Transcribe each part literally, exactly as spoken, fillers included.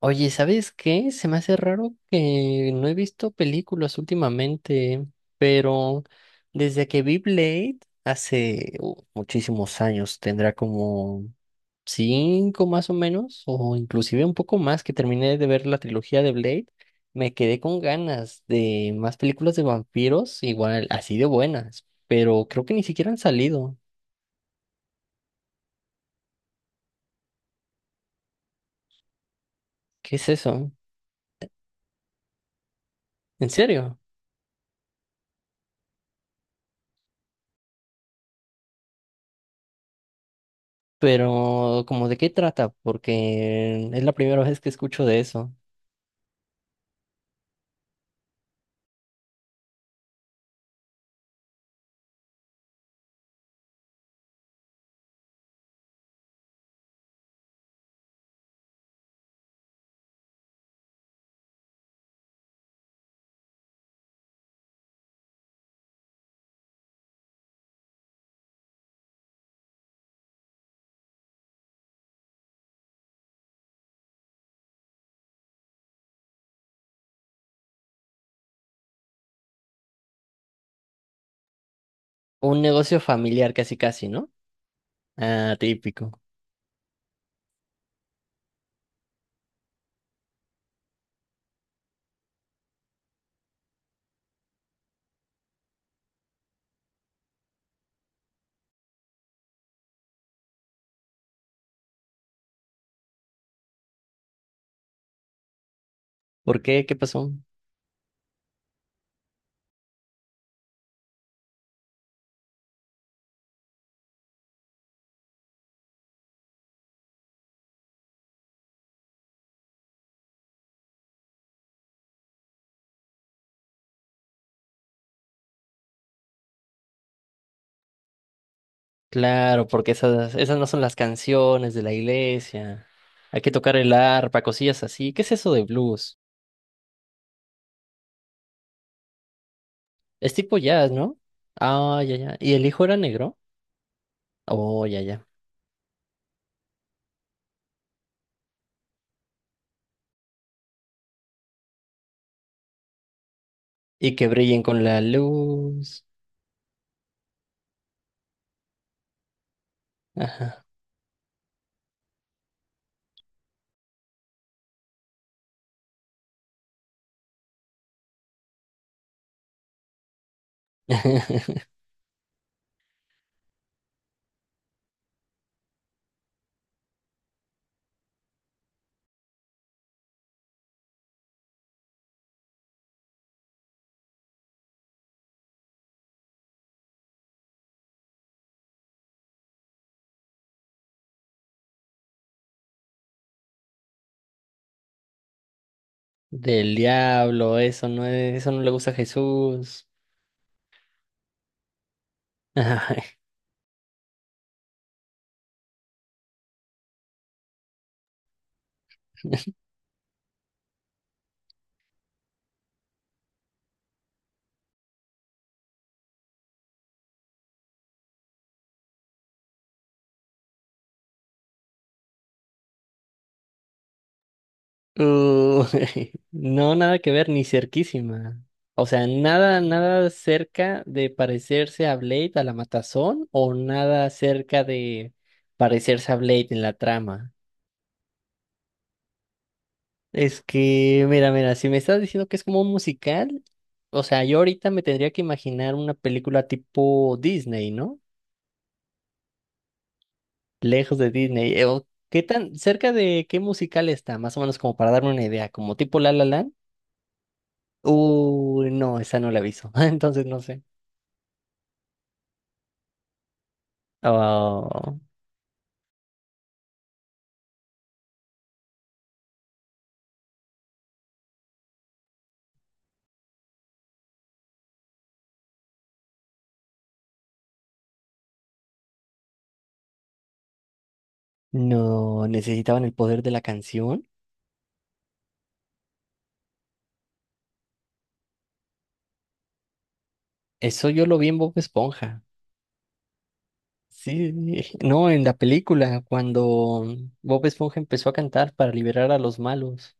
Oye, ¿sabes qué? Se me hace raro que no he visto películas últimamente, pero desde que vi Blade hace uh, muchísimos años, tendrá como cinco más o menos, o inclusive un poco más, que terminé de ver la trilogía de Blade, me quedé con ganas de más películas de vampiros, igual así de buenas, pero creo que ni siquiera han salido. ¿Qué es eso? ¿En serio? Pero, ¿como de qué trata? Porque es la primera vez que escucho de eso. Un negocio familiar, casi casi, ¿no? Ah, típico. ¿Por qué? ¿Qué pasó? Claro, porque esas, esas no son las canciones de la iglesia. Hay que tocar el arpa, cosillas así. ¿Qué es eso de blues? Es tipo jazz, ¿no? Ah, ya, ya. ¿Y el hijo era negro? Oh, ya, ya. Y que brillen con la luz. Ajá. Del diablo, eso no es, eso no le gusta a Jesús. Ay. Uy, no, nada que ver, ni cerquísima. O sea, nada, nada cerca de parecerse a Blade a la matazón o nada cerca de parecerse a Blade en la trama. Es que, mira, mira, si me estás diciendo que es como un musical, o sea, yo ahorita me tendría que imaginar una película tipo Disney, ¿no? Lejos de Disney. Eh, o ¿qué tan cerca de qué musical está? Más o menos como para darme una idea, como tipo La La Land. Uy, no, esa no la aviso. Entonces no sé. Oh, no, necesitaban el poder de la canción. Eso yo lo vi en Bob Esponja. Sí, no, en la película, cuando Bob Esponja empezó a cantar para liberar a los malos.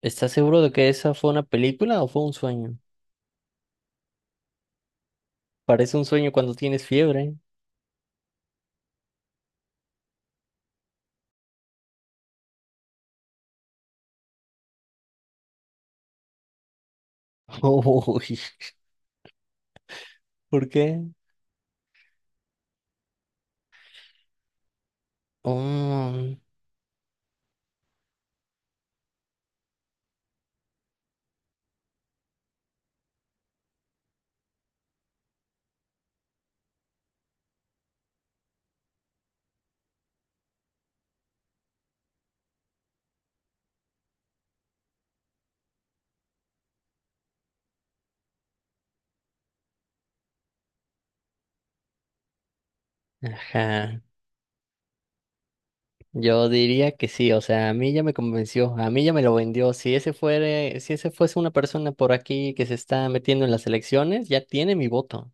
¿Estás seguro de que esa fue una película o fue un sueño? Parece un sueño cuando tienes fiebre. Uy, ¿por qué? Oh, ajá. Yo diría que sí, o sea, a mí ya me convenció, a mí ya me lo vendió. Si ese fuere, si ese fuese una persona por aquí que se está metiendo en las elecciones, ya tiene mi voto.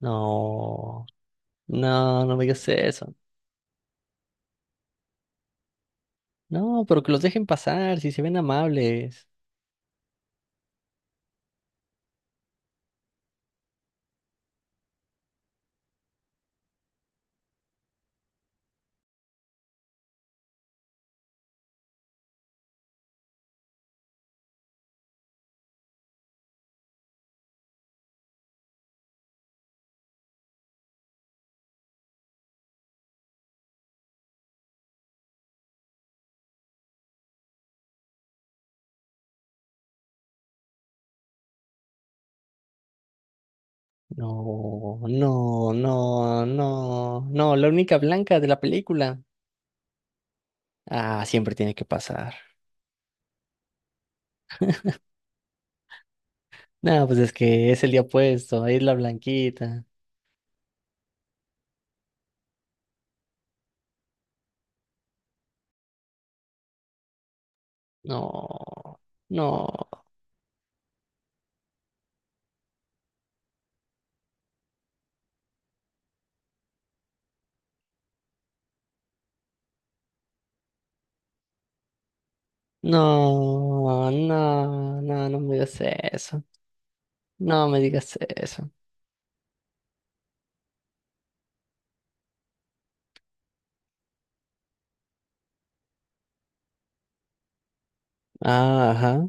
No, no, no me digas eso. No, pero que los dejen pasar, si se ven amables. No, no, no, no, no, la única blanca de la película. Ah, siempre tiene que pasar. No, pues es que es el día puesto, es la blanquita. No, no. No, no, no, no me digas eso. No me digas eso. Ah, ajá.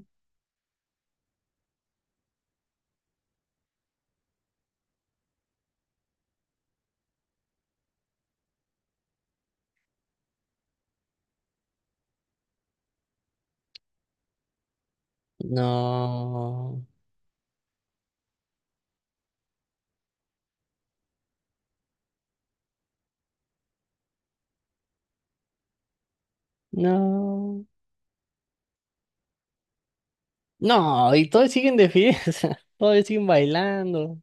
No, no. No, y todos siguen de fiesta. Todos siguen bailando.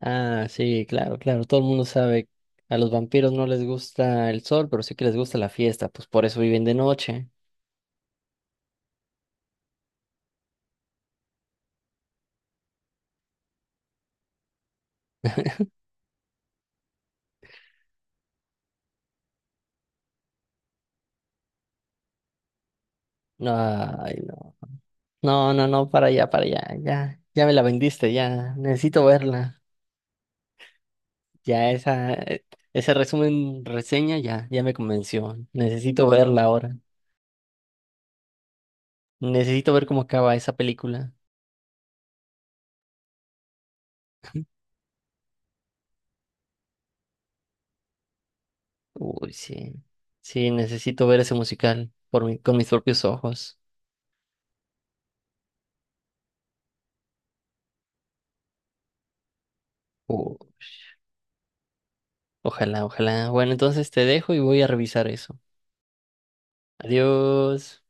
Ah, sí, claro, claro. Todo el mundo sabe. A los vampiros no les gusta el sol, pero sí que les gusta la fiesta. Pues por eso viven de noche. Ay, no. No, no, no, para allá, para allá. Ya, ya me la vendiste, ya. Necesito verla. Ya esa, eh, ese resumen, reseña, ya, ya me convenció. Necesito verla ahora. Necesito ver cómo acaba esa película. Uy, sí. Sí, necesito ver ese musical por mi- con mis propios ojos. Uh, ojalá, ojalá. Bueno, entonces te dejo y voy a revisar eso. Adiós.